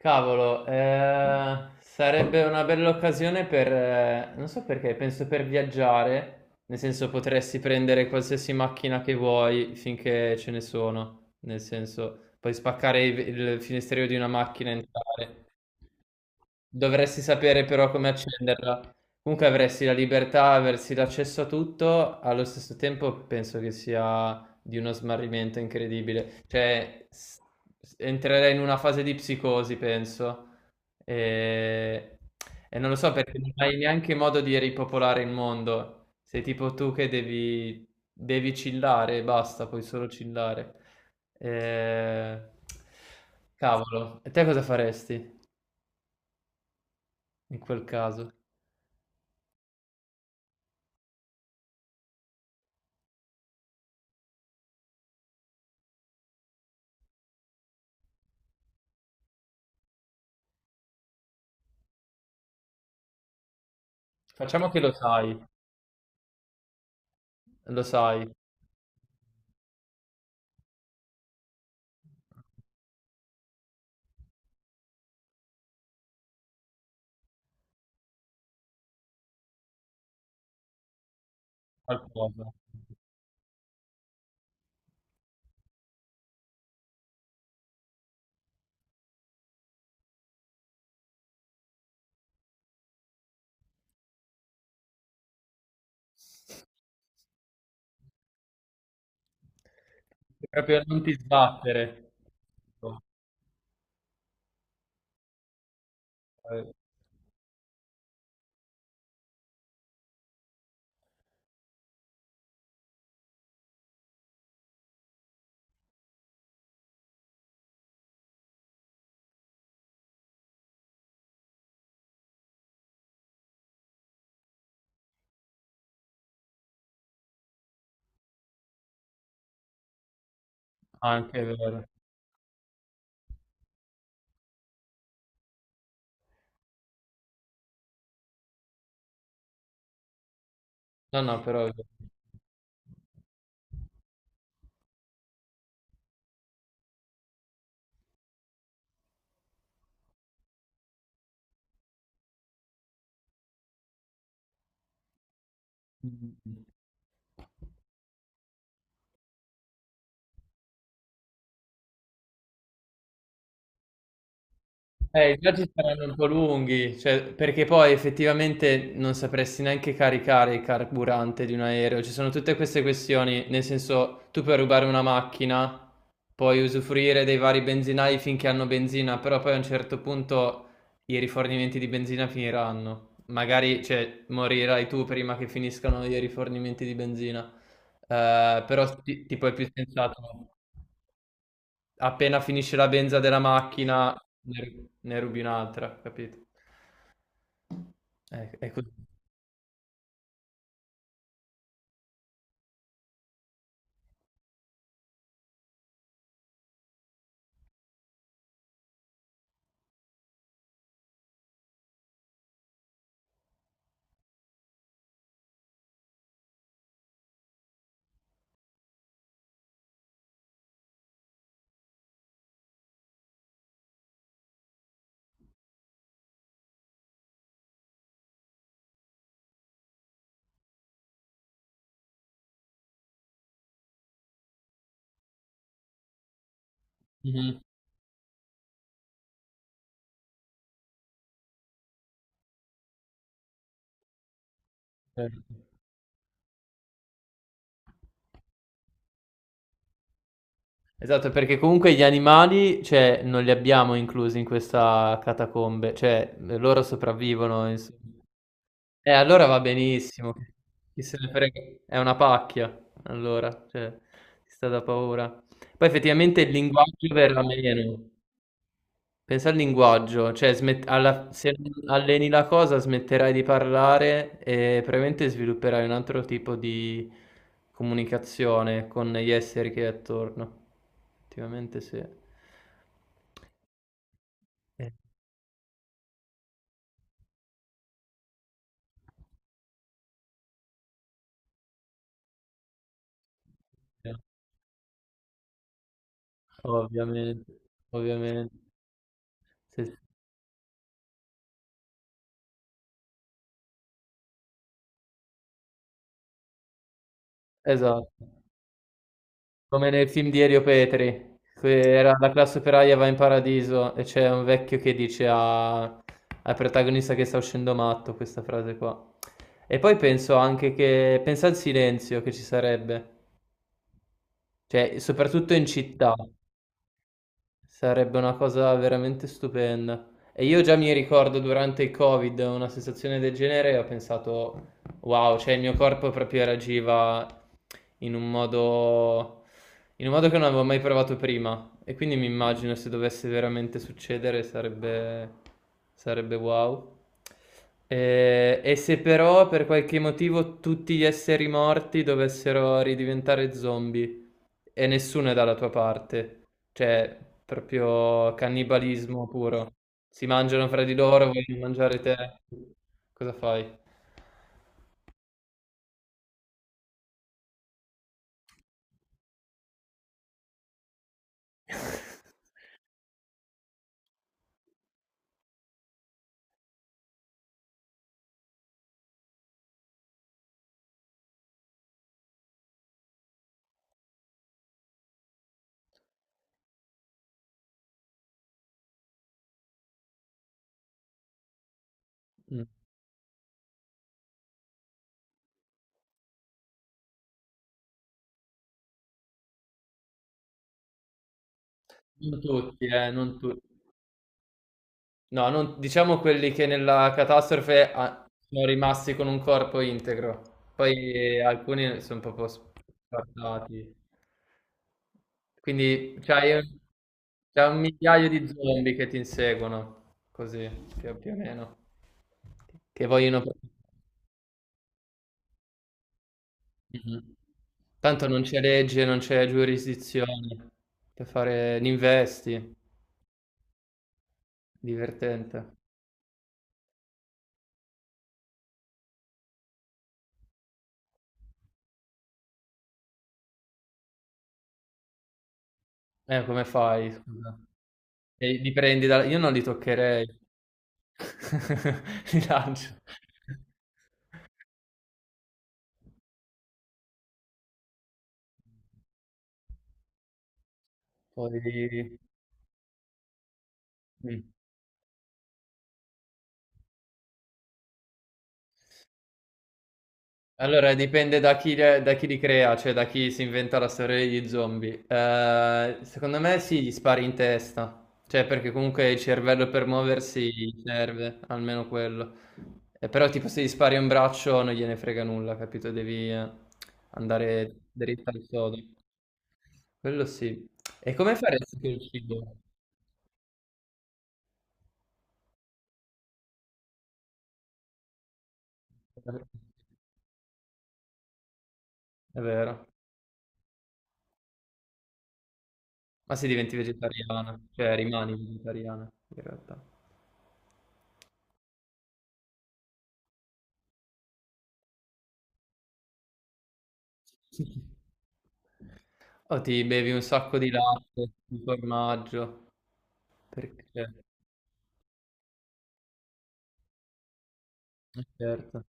Cavolo, sarebbe una bella occasione per, non so perché, penso per viaggiare, nel senso potresti prendere qualsiasi macchina che vuoi finché ce ne sono, nel senso puoi spaccare il finestrino di una macchina e entrare. Dovresti sapere però come accenderla. Comunque avresti la libertà, avresti l'accesso a tutto, allo stesso tempo penso che sia di uno smarrimento incredibile. Cioè, entrerei in una fase di psicosi, penso. E, e non lo so perché non hai neanche modo di ripopolare il mondo. Sei tipo tu che devi, devi chillare e basta, puoi solo chillare. Eh, Cavolo, e te cosa faresti in quel caso? Facciamo che lo sai qualcosa. Proprio non ti sbattere. Eh, Anche è vero. No, no, però è vero. I viaggi saranno un po' lunghi, cioè, perché poi effettivamente non sapresti neanche caricare il carburante di un aereo. Ci sono tutte queste questioni, nel senso, tu puoi rubare una macchina, puoi usufruire dei vari benzinai finché hanno benzina, però poi a un certo punto i rifornimenti di benzina finiranno. Magari, cioè, morirai tu prima che finiscano i rifornimenti di benzina. Però tipo è più sensato appena finisce la benza della macchina ne rubi un'altra, capito? È così. Mhm. Certo. Esatto, perché comunque gli animali, cioè, non li abbiamo inclusi in questa catacombe, cioè, loro sopravvivono, insomma. Allora va benissimo. Chi se ne frega? È una pacchia, allora, cioè, si sta da paura. Poi effettivamente il linguaggio verrà meno. Pensa al linguaggio, cioè se alleni la cosa smetterai di parlare e probabilmente svilupperai un altro tipo di comunicazione con gli esseri che hai attorno. Effettivamente sì. Eh, ovviamente, ovviamente. Sì, sì. Esatto. Come nel film di Elio Petri, che era La classe operaia va in paradiso e c'è un vecchio che dice al protagonista che sta uscendo matto questa frase qua. E poi penso anche che, pensa al silenzio che ci sarebbe, cioè soprattutto in città, sarebbe una cosa veramente stupenda. E io già mi ricordo durante il Covid una sensazione del genere e ho pensato, wow, cioè il mio corpo proprio reagiva in un modo, in un modo che non avevo mai provato prima. E quindi mi immagino se dovesse veramente succedere sarebbe, sarebbe wow. Se però per qualche motivo tutti gli esseri morti dovessero ridiventare zombie e nessuno è dalla tua parte, cioè proprio cannibalismo puro. Si mangiano fra di loro, vogliono mangiare te. Cosa fai? Mm. Non tutti, non tutti. No, non, diciamo quelli che nella catastrofe ah, sono rimasti con un corpo integro, poi alcuni sono proprio spartati. Quindi c'hai un migliaio di zombie che ti inseguono, così più, più o meno, che vogliono... Mhm. Tanto non c'è legge, non c'è giurisdizione per fare l'investi, divertente. Come fai scusa? E li prendi da io non li toccherei. Li lancio. Poi mh. Allora, dipende da chi li crea, cioè da chi si inventa la storia degli zombie. Secondo me sì, gli spari in testa, cioè perché comunque il cervello per muoversi gli serve, almeno quello. Però tipo se gli spari un braccio non gliene frega nulla, capito? Devi andare dritto al sodo. Quello sì. E come faresti con il cibo? È vero. Ma se diventi vegetariana, cioè rimani vegetariana in realtà. O ti bevi un sacco di latte, di formaggio, perché certo.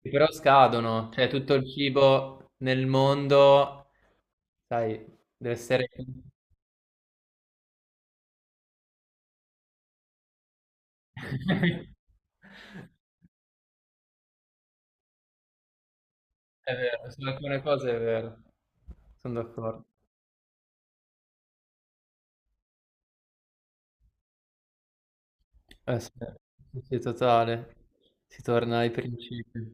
Che però scadono, cioè tutto il cibo nel mondo, sai, deve essere... È vero, su alcune cose è vero, sono d'accordo. Eh sì, sì, sì, totale, si torna ai principi.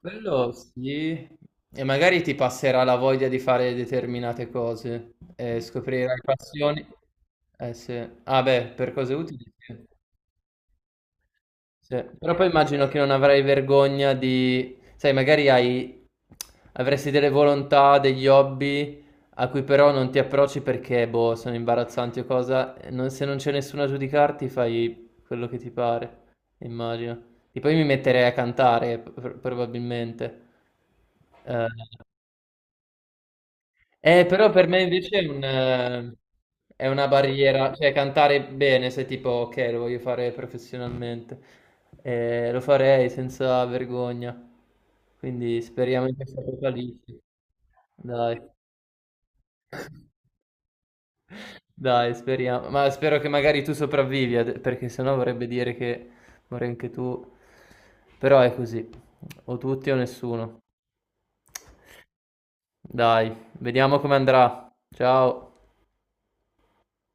Quello sì, e magari ti passerà la voglia di fare determinate cose e scoprirai passioni. Eh sì, ah beh, per cose utili sì. Sì, però poi immagino che non avrai vergogna di... Sai, magari hai... avresti delle volontà, degli hobby a cui però non ti approcci perché, boh, sono imbarazzanti o cosa. E se non c'è nessuno a giudicarti, fai quello che ti pare, immagino. E poi mi metterei a cantare, probabilmente. Eh, però per me invece è un, è una barriera, cioè cantare bene, se tipo, ok, lo voglio fare professionalmente, eh, lo farei senza vergogna, quindi speriamo in questa apocalisse, dai, dai, speriamo, ma spero che magari tu sopravvivi, perché sennò vorrebbe dire che muori anche tu, però è così, o tutti o nessuno, dai, vediamo come andrà, ciao.